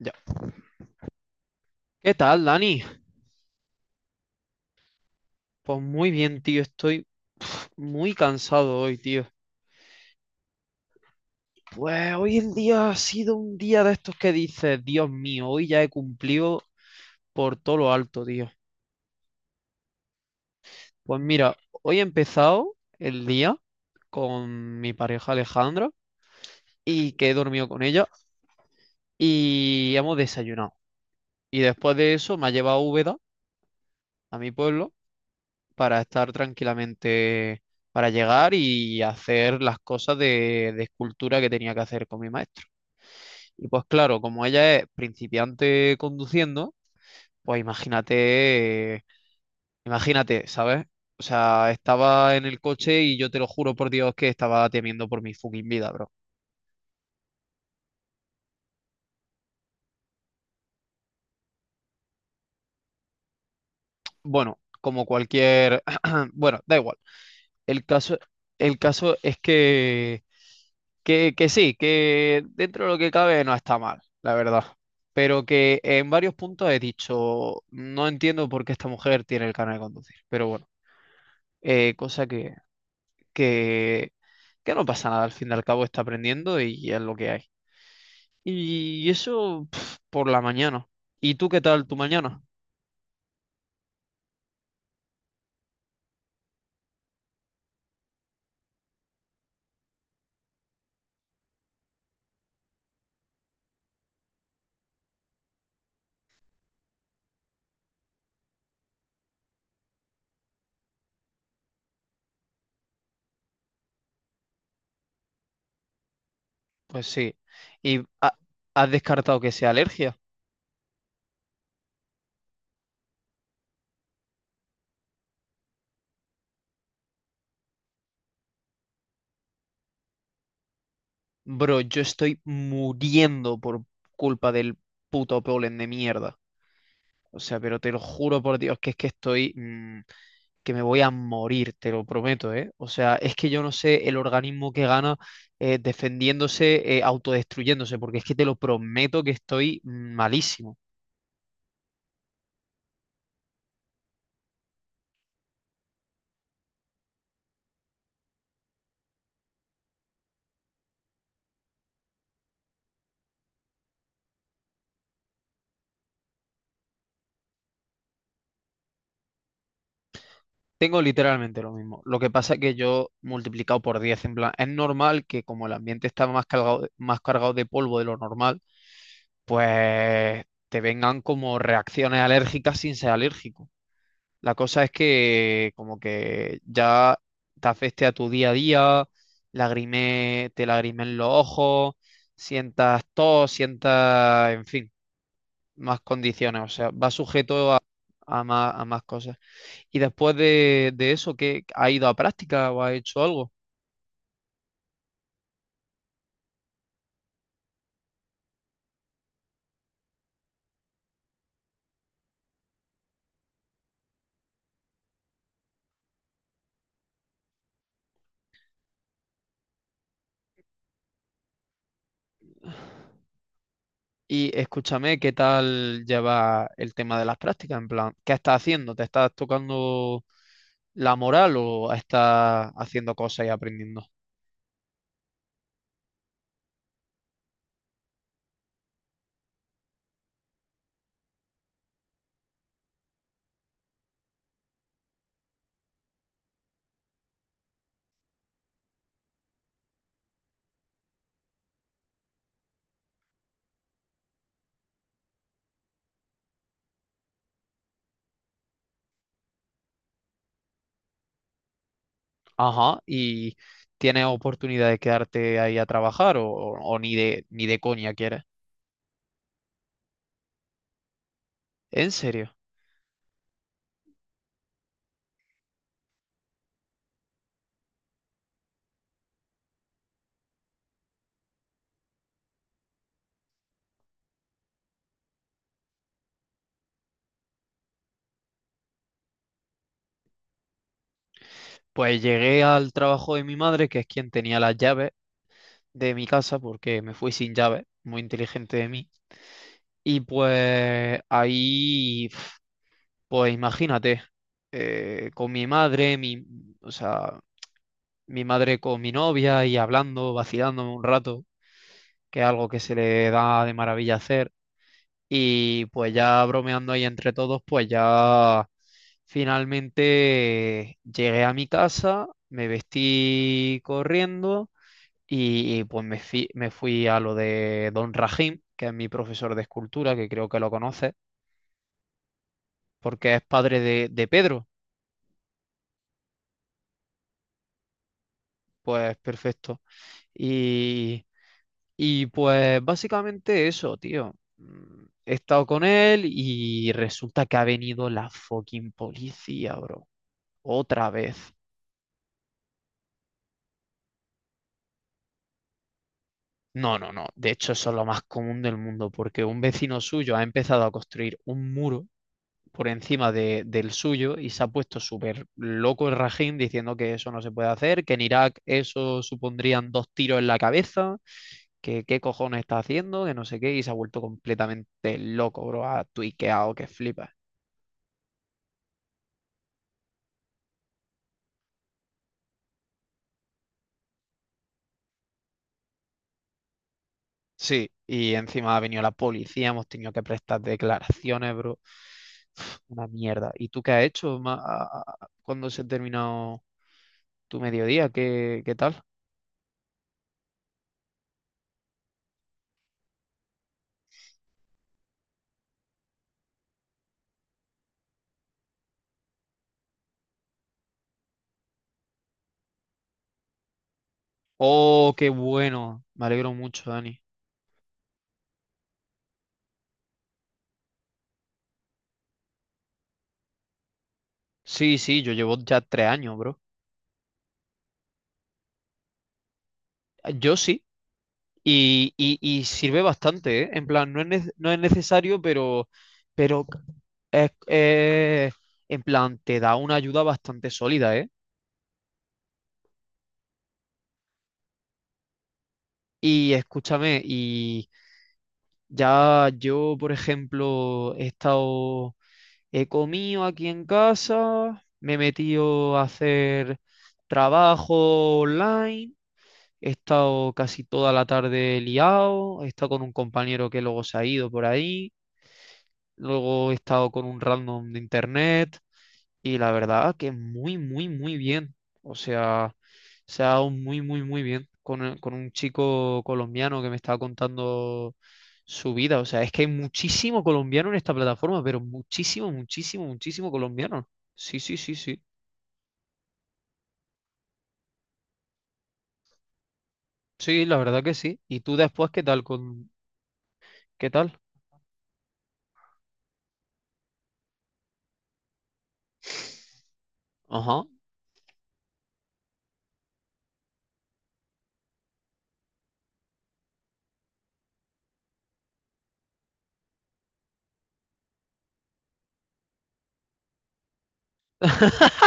Ya. ¿Qué tal, Dani? Pues muy bien, tío. Estoy muy cansado hoy, tío. Pues hoy el día ha sido un día de estos que dices, Dios mío, hoy ya he cumplido por todo lo alto, tío. Pues mira, hoy he empezado el día con mi pareja Alejandra y que he dormido con ella y hemos desayunado. Y después de eso me ha llevado a Úbeda, a mi pueblo, para estar tranquilamente, para llegar y hacer las cosas de escultura que tenía que hacer con mi maestro. Y pues claro, como ella es principiante conduciendo, pues imagínate, imagínate, ¿sabes? O sea, estaba en el coche y yo te lo juro por Dios que estaba temiendo por mi fucking vida, bro. Bueno, como cualquier... Bueno, da igual. El caso, el caso es que sí, que dentro de lo que cabe no está mal, la verdad. Pero que en varios puntos he dicho, no entiendo por qué esta mujer tiene el canal de conducir. Pero bueno, cosa que, que no pasa nada, al fin y al cabo está aprendiendo y es lo que hay. Y eso pf, por la mañana. ¿Y tú qué tal tu mañana? Pues sí. ¿Y has descartado que sea alergia? Bro, yo estoy muriendo por culpa del puto polen de mierda. O sea, pero te lo juro por Dios que es que estoy, que me voy a morir, te lo prometo, ¿eh? O sea, es que yo no sé el organismo que gana defendiéndose, autodestruyéndose, porque es que te lo prometo que estoy malísimo. Tengo literalmente lo mismo. Lo que pasa es que yo multiplicado por 10 en plan, es normal que como el ambiente está más cargado, más cargado de polvo de lo normal, pues te vengan como reacciones alérgicas sin ser alérgico. La cosa es que como que ya te afecte a tu día a día, te lagrimen los ojos, sientas tos, sientas, en fin, más condiciones. O sea, va sujeto a más cosas. Y después de eso, ¿qué ha ido a práctica o ha hecho algo? Y escúchame, ¿qué tal lleva el tema de las prácticas? En plan, ¿qué estás haciendo? ¿Te estás tocando la moral o estás haciendo cosas y aprendiendo? Ajá, y tienes oportunidad de quedarte ahí a trabajar o ni de coña quieres. ¿En serio? Pues llegué al trabajo de mi madre, que es quien tenía las llaves de mi casa, porque me fui sin llaves, muy inteligente de mí. Y pues ahí, pf, pues imagínate, con mi madre, o sea, mi madre con mi novia y hablando, vacilándome un rato, que es algo que se le da de maravilla hacer. Y pues ya bromeando ahí entre todos, pues ya finalmente llegué a mi casa, me vestí corriendo y, pues me fui a lo de Don Rajim, que es mi profesor de escultura, que creo que lo conoces, porque es padre de Pedro. Pues perfecto. Y, y pues básicamente eso, tío. He estado con él y resulta que ha venido la fucking policía, bro. Otra vez. No, no, no. De hecho, eso es lo más común del mundo, porque un vecino suyo ha empezado a construir un muro por encima del suyo y se ha puesto súper loco el Rajín diciendo que eso no se puede hacer, que en Irak eso supondrían dos tiros en la cabeza, que qué cojones está haciendo, que no sé qué, y se ha vuelto completamente loco, bro. Ha tuiqueado que flipa. Sí, y encima ha venido la policía, hemos tenido que prestar declaraciones, bro. Uf, una mierda. ¿Y tú qué has hecho cuando se ha terminado tu mediodía? ¿Qué tal? Oh, qué bueno. Me alegro mucho, Dani. Sí, sí, yo llevo ya 3 años, bro. Ah, yo sí. Y sirve bastante, ¿eh? En plan, no es necesario, pero es, es- en plan, te da una ayuda bastante sólida, ¿eh? Y escúchame, ya yo, por ejemplo, he comido aquí en casa, me he metido a hacer trabajo online, he estado casi toda la tarde liado, he estado con un compañero que luego se ha ido por ahí, luego he estado con un random de internet, y la verdad que muy, muy, muy bien. O sea, se ha dado muy, muy, muy bien con un chico colombiano que me estaba contando su vida. O sea, es que hay muchísimo colombiano en esta plataforma, pero muchísimo, muchísimo, muchísimo colombiano. Sí, sí, sí, sí. Sí, la verdad que sí. ¿Y tú después qué tal? Ajá.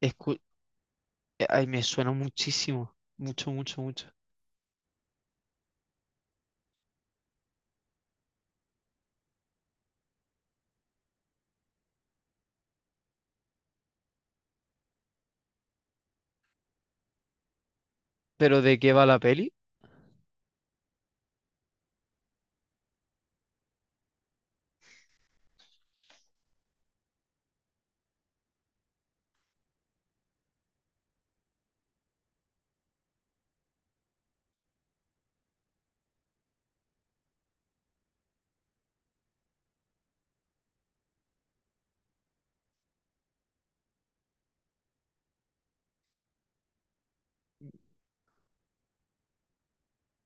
Escu- Ay, me suena muchísimo. Mucho, mucho, mucho. ¿Pero de qué va la peli?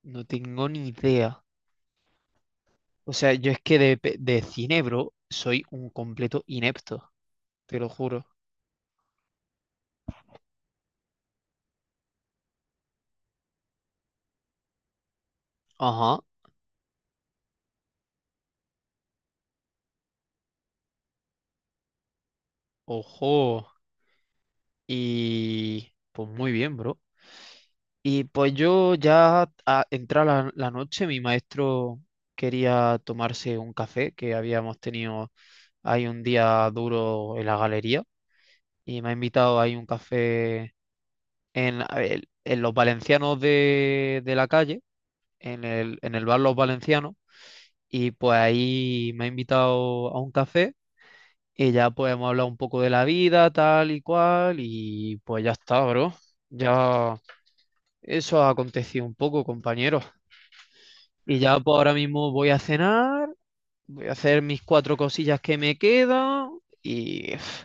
No tengo ni idea. O sea, yo es que de cine, bro, soy un completo inepto, te lo juro. Ajá, ojo. Y pues muy bien, bro. Y pues yo ya a entrar la noche, mi maestro quería tomarse un café, que habíamos tenido ahí un día duro en la galería, y me ha invitado ahí un café a ver, en los valencianos de la calle, en el bar Los Valencianos, y pues ahí me ha invitado a un café. Y ya pues hemos hablado un poco de la vida, tal y cual, y pues ya está, bro. Ya eso ha acontecido un poco, compañero. Y ya pues ahora mismo voy a cenar, voy a hacer mis cuatro cosillas que me quedan. Y uf,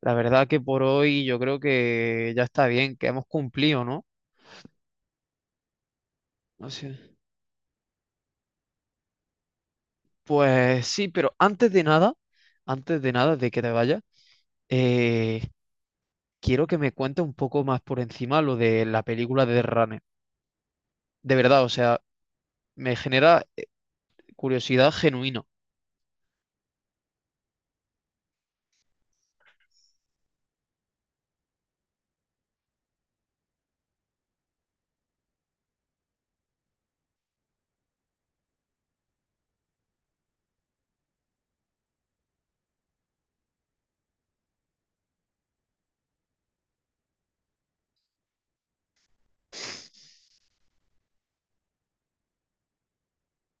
la verdad que por hoy yo creo que ya está bien, que hemos cumplido, ¿no? No sé. Pues sí, pero antes de nada de que te vayas, eh, quiero que me cuentes un poco más por encima lo de la película de The Runner. De verdad, o sea, me genera curiosidad genuina.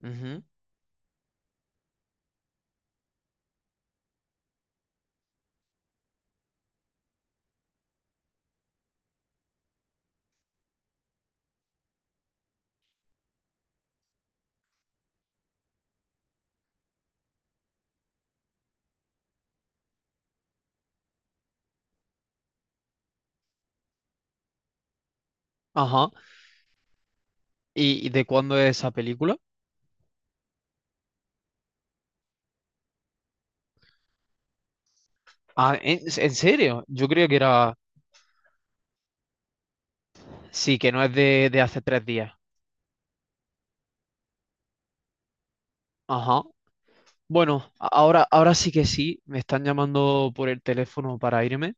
Ujú. Ajá. ¿Y de cuándo es esa película? Ah, ¿en serio? Yo creo que era... Sí, que no es de hace 3 días. Ajá. Bueno, ahora, ahora sí que sí, me están llamando por el teléfono para irme,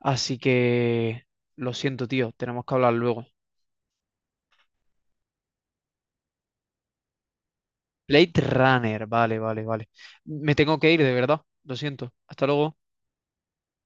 así que lo siento, tío, tenemos que hablar luego. Blade Runner, vale, vale, vale. Me tengo que ir, de verdad, lo siento. Hasta luego.